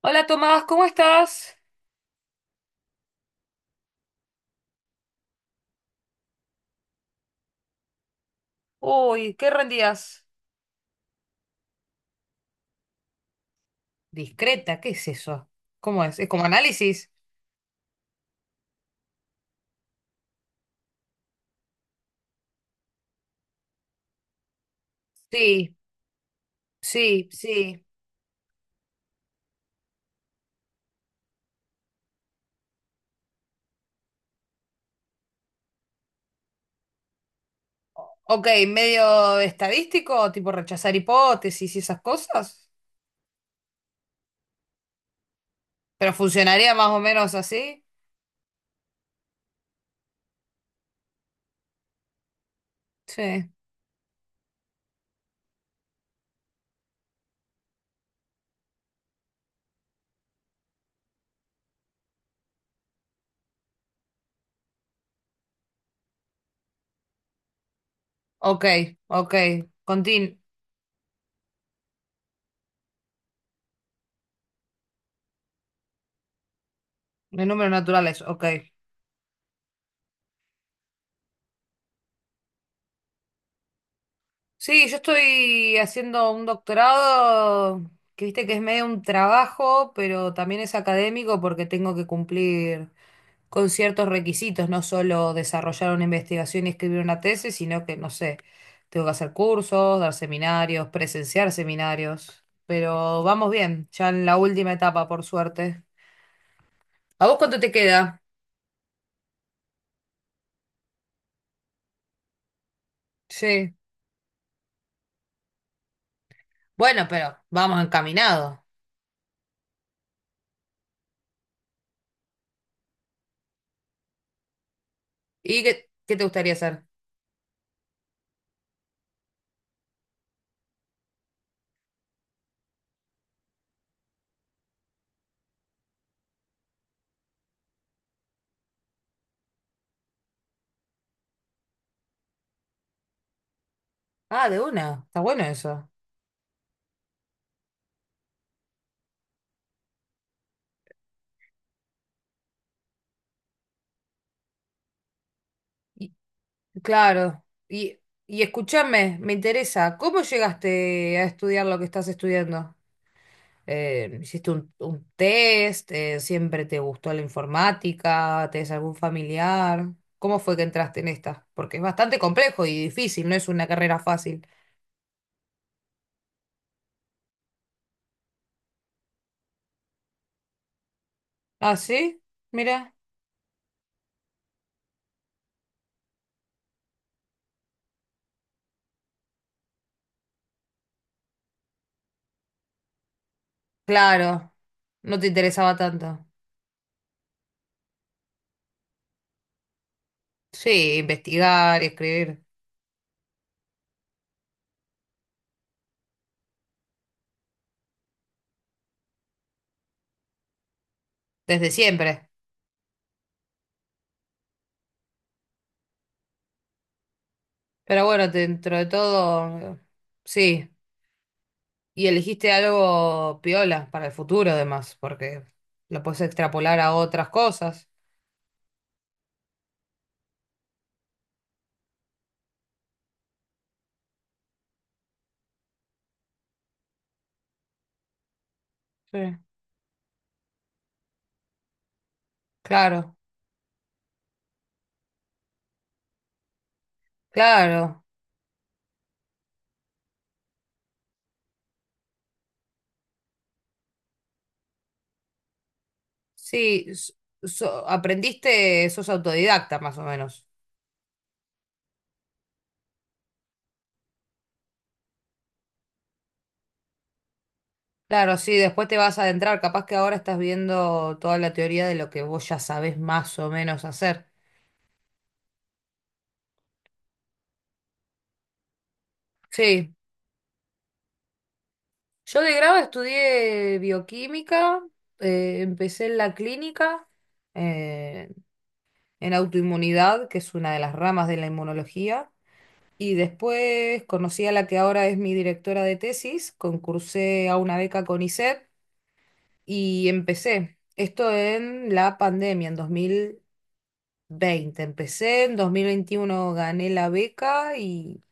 Hola Tomás, ¿cómo estás? Uy, ¿qué rendías? Discreta, ¿qué es eso? ¿Cómo es? ¿Es como análisis? Sí, sí, sí. Ok, medio estadístico, tipo rechazar hipótesis y esas cosas. Pero funcionaría más o menos así. Sí. Ok, ok. Contin, de números naturales, ok. Sí, yo estoy haciendo un doctorado que viste que es medio un trabajo, pero también es académico porque tengo que cumplir con ciertos requisitos, no solo desarrollar una investigación y escribir una tesis, sino que, no sé, tengo que hacer cursos, dar seminarios, presenciar seminarios, pero vamos bien, ya en la última etapa, por suerte. ¿A vos cuánto te queda? Sí. Bueno, pero vamos encaminado. ¿Y qué te gustaría hacer? Ah, de una, está bueno eso. Y claro, y, y escúchame, me interesa, ¿cómo llegaste a estudiar lo que estás estudiando? ¿Hiciste un test? ¿Siempre te gustó la informática? ¿Tenés algún familiar? ¿Cómo fue que entraste en esta? Porque es bastante complejo y difícil, no es una carrera fácil. ¿Ah, sí? Mira. Claro, no te interesaba tanto. Sí, investigar y escribir desde siempre. Pero bueno, dentro de todo, sí. Y elegiste algo piola para el futuro, además, porque lo puedes extrapolar a otras cosas. Sí. Claro. Claro, sí, aprendiste, sos autodidacta más o menos. Claro, sí, después te vas a adentrar, capaz que ahora estás viendo toda la teoría de lo que vos ya sabés más o menos hacer. Sí, yo de grado estudié bioquímica, empecé en la clínica, eh, en autoinmunidad, que es una de las ramas de la inmunología, y después conocí a la que ahora es mi directora de tesis, concursé a una beca con y empecé. Esto en la pandemia, en 2020. Empecé en 2021, gané la beca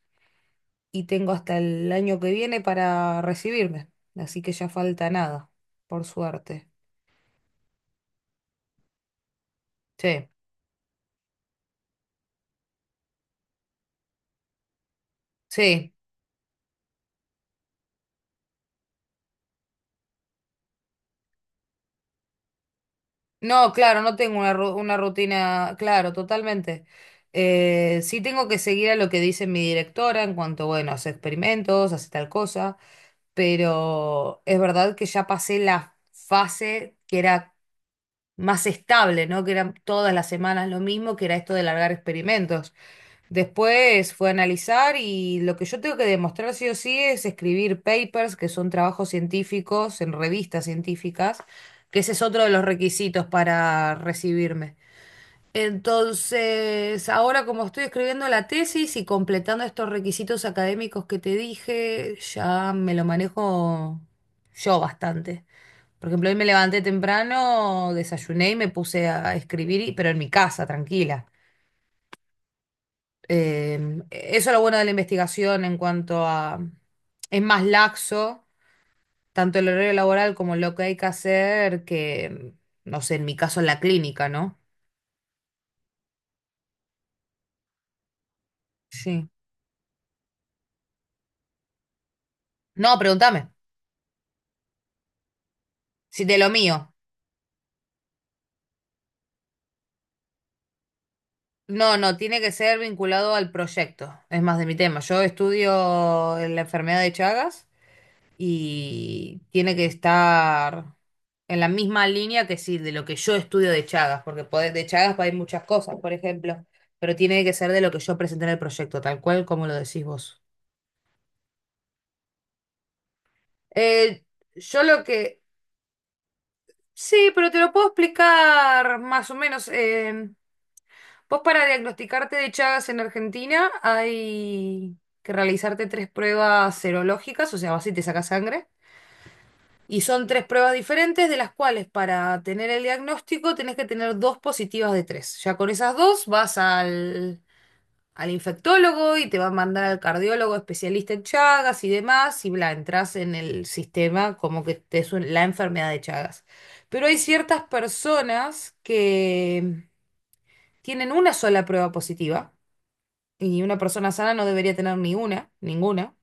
y tengo hasta el año que viene para recibirme. Así que ya falta nada, por suerte. Sí, sí. No, claro, no tengo una rutina, claro, totalmente. Sí tengo que seguir a lo que dice mi directora en cuanto, bueno, hace experimentos, hace tal cosa, pero es verdad que ya pasé la fase que era más estable, ¿no? Que eran todas las semanas lo mismo, que era esto de largar experimentos. Después fue a analizar y lo que yo tengo que demostrar sí o sí es escribir papers, que son trabajos científicos en revistas científicas, que ese es otro de los requisitos para recibirme. Entonces, ahora como estoy escribiendo la tesis y completando estos requisitos académicos que te dije, ya me lo manejo yo bastante. Por ejemplo, hoy me levanté temprano, desayuné y me puse a escribir, y pero en mi casa, tranquila. Eso es lo bueno de la investigación en cuanto a... Es más laxo, tanto el horario laboral como lo que hay que hacer, que, no sé, en mi caso en la clínica, ¿no? Sí. No, pregúntame. Si de lo mío. No, no, tiene que ser vinculado al proyecto. Es más de mi tema. Yo estudio la enfermedad de Chagas, y tiene que estar en la misma línea que sí, de lo que yo estudio de Chagas, porque pode- de Chagas hay muchas cosas, por ejemplo, pero tiene que ser de lo que yo presenté en el proyecto, tal cual como lo decís vos. Eh, yo lo que... Sí, pero te lo puedo explicar más o menos. Em, vos para diagnosticarte de Chagas en Argentina hay que realizarte tres pruebas serológicas, o sea, vas y te sacas sangre. Y son tres pruebas diferentes, de las cuales para tener el diagnóstico tenés que tener dos positivas de tres. Ya con esas dos vas al, al infectólogo y te va a mandar al cardiólogo especialista en Chagas y demás, y bla, entras en el sistema como que te es un- la enfermedad de Chagas. Pero hay ciertas personas que tienen una sola prueba positiva, y una persona sana no debería tener ni una, ninguna.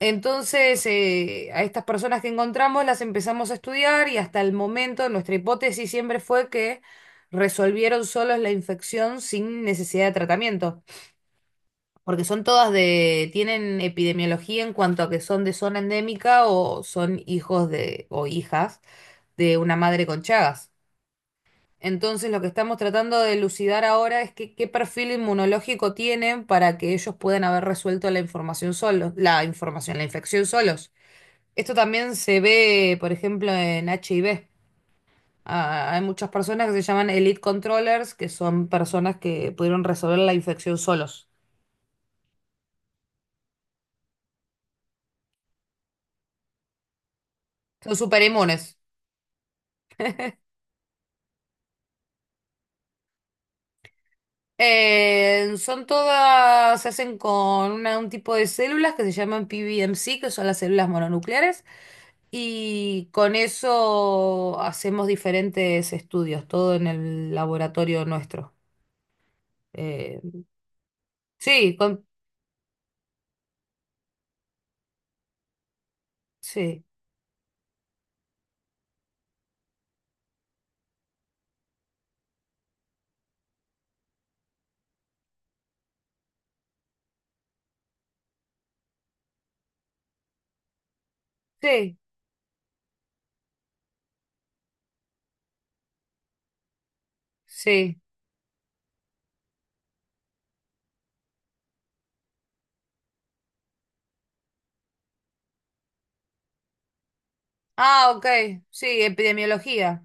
Entonces, a estas personas que encontramos las empezamos a estudiar y hasta el momento nuestra hipótesis siempre fue que resolvieron solos la infección sin necesidad de tratamiento, porque son todas de, tienen epidemiología en cuanto a que son de zona endémica o son hijos de, o hijas de una madre con Chagas. Entonces, lo que estamos tratando de elucidar ahora es que, qué perfil inmunológico tienen para que ellos puedan haber resuelto la información solos, la información, la infección solos. Esto también se ve, por ejemplo, en HIV. Ah, hay muchas personas que se llaman elite controllers, que son personas que pudieron resolver la infección solos. Son súper. Son todas, se hacen con una- un tipo de células que se llaman PBMC, que son las células mononucleares, y con eso hacemos diferentes estudios, todo en el laboratorio nuestro. Eh, sí, con, sí, sí, sí. Ah, ok, sí, epidemiología.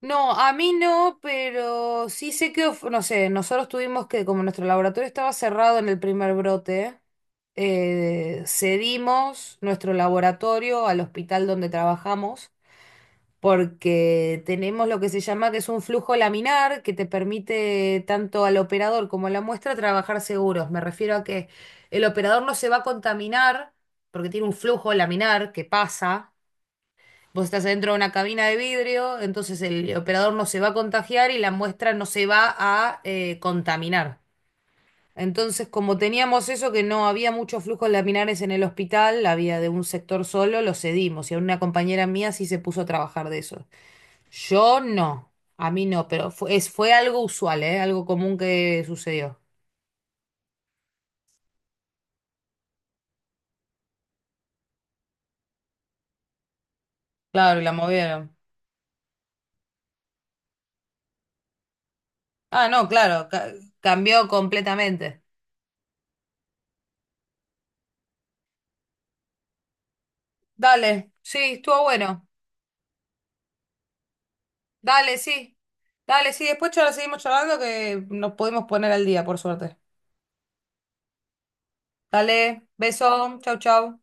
No, a mí no, pero sí sé que, of- no sé, nosotros tuvimos que, como nuestro laboratorio estaba cerrado en el primer brote, cedimos nuestro laboratorio al hospital donde trabajamos, porque tenemos lo que se llama que es un flujo laminar que te permite tanto al operador como a la muestra trabajar seguros. Me refiero a que el operador no se va a contaminar porque tiene un flujo laminar que pasa. Vos estás dentro de una cabina de vidrio, entonces el operador no se va a contagiar y la muestra no se va a contaminar. Entonces, como teníamos eso, que no había muchos flujos laminares en el hospital, había de un sector solo, lo cedimos. Y a una compañera mía sí se puso a trabajar de eso. Yo no, a mí no, pero fue, es, fue algo usual, ¿eh? Algo común que sucedió. Claro, y la movieron. Ah, no, claro, ca- cambió completamente. Dale, sí, estuvo bueno. Dale, sí. Dale, sí. Después lo seguimos charlando que nos podemos poner al día, por suerte. Dale, beso. Chau, chau.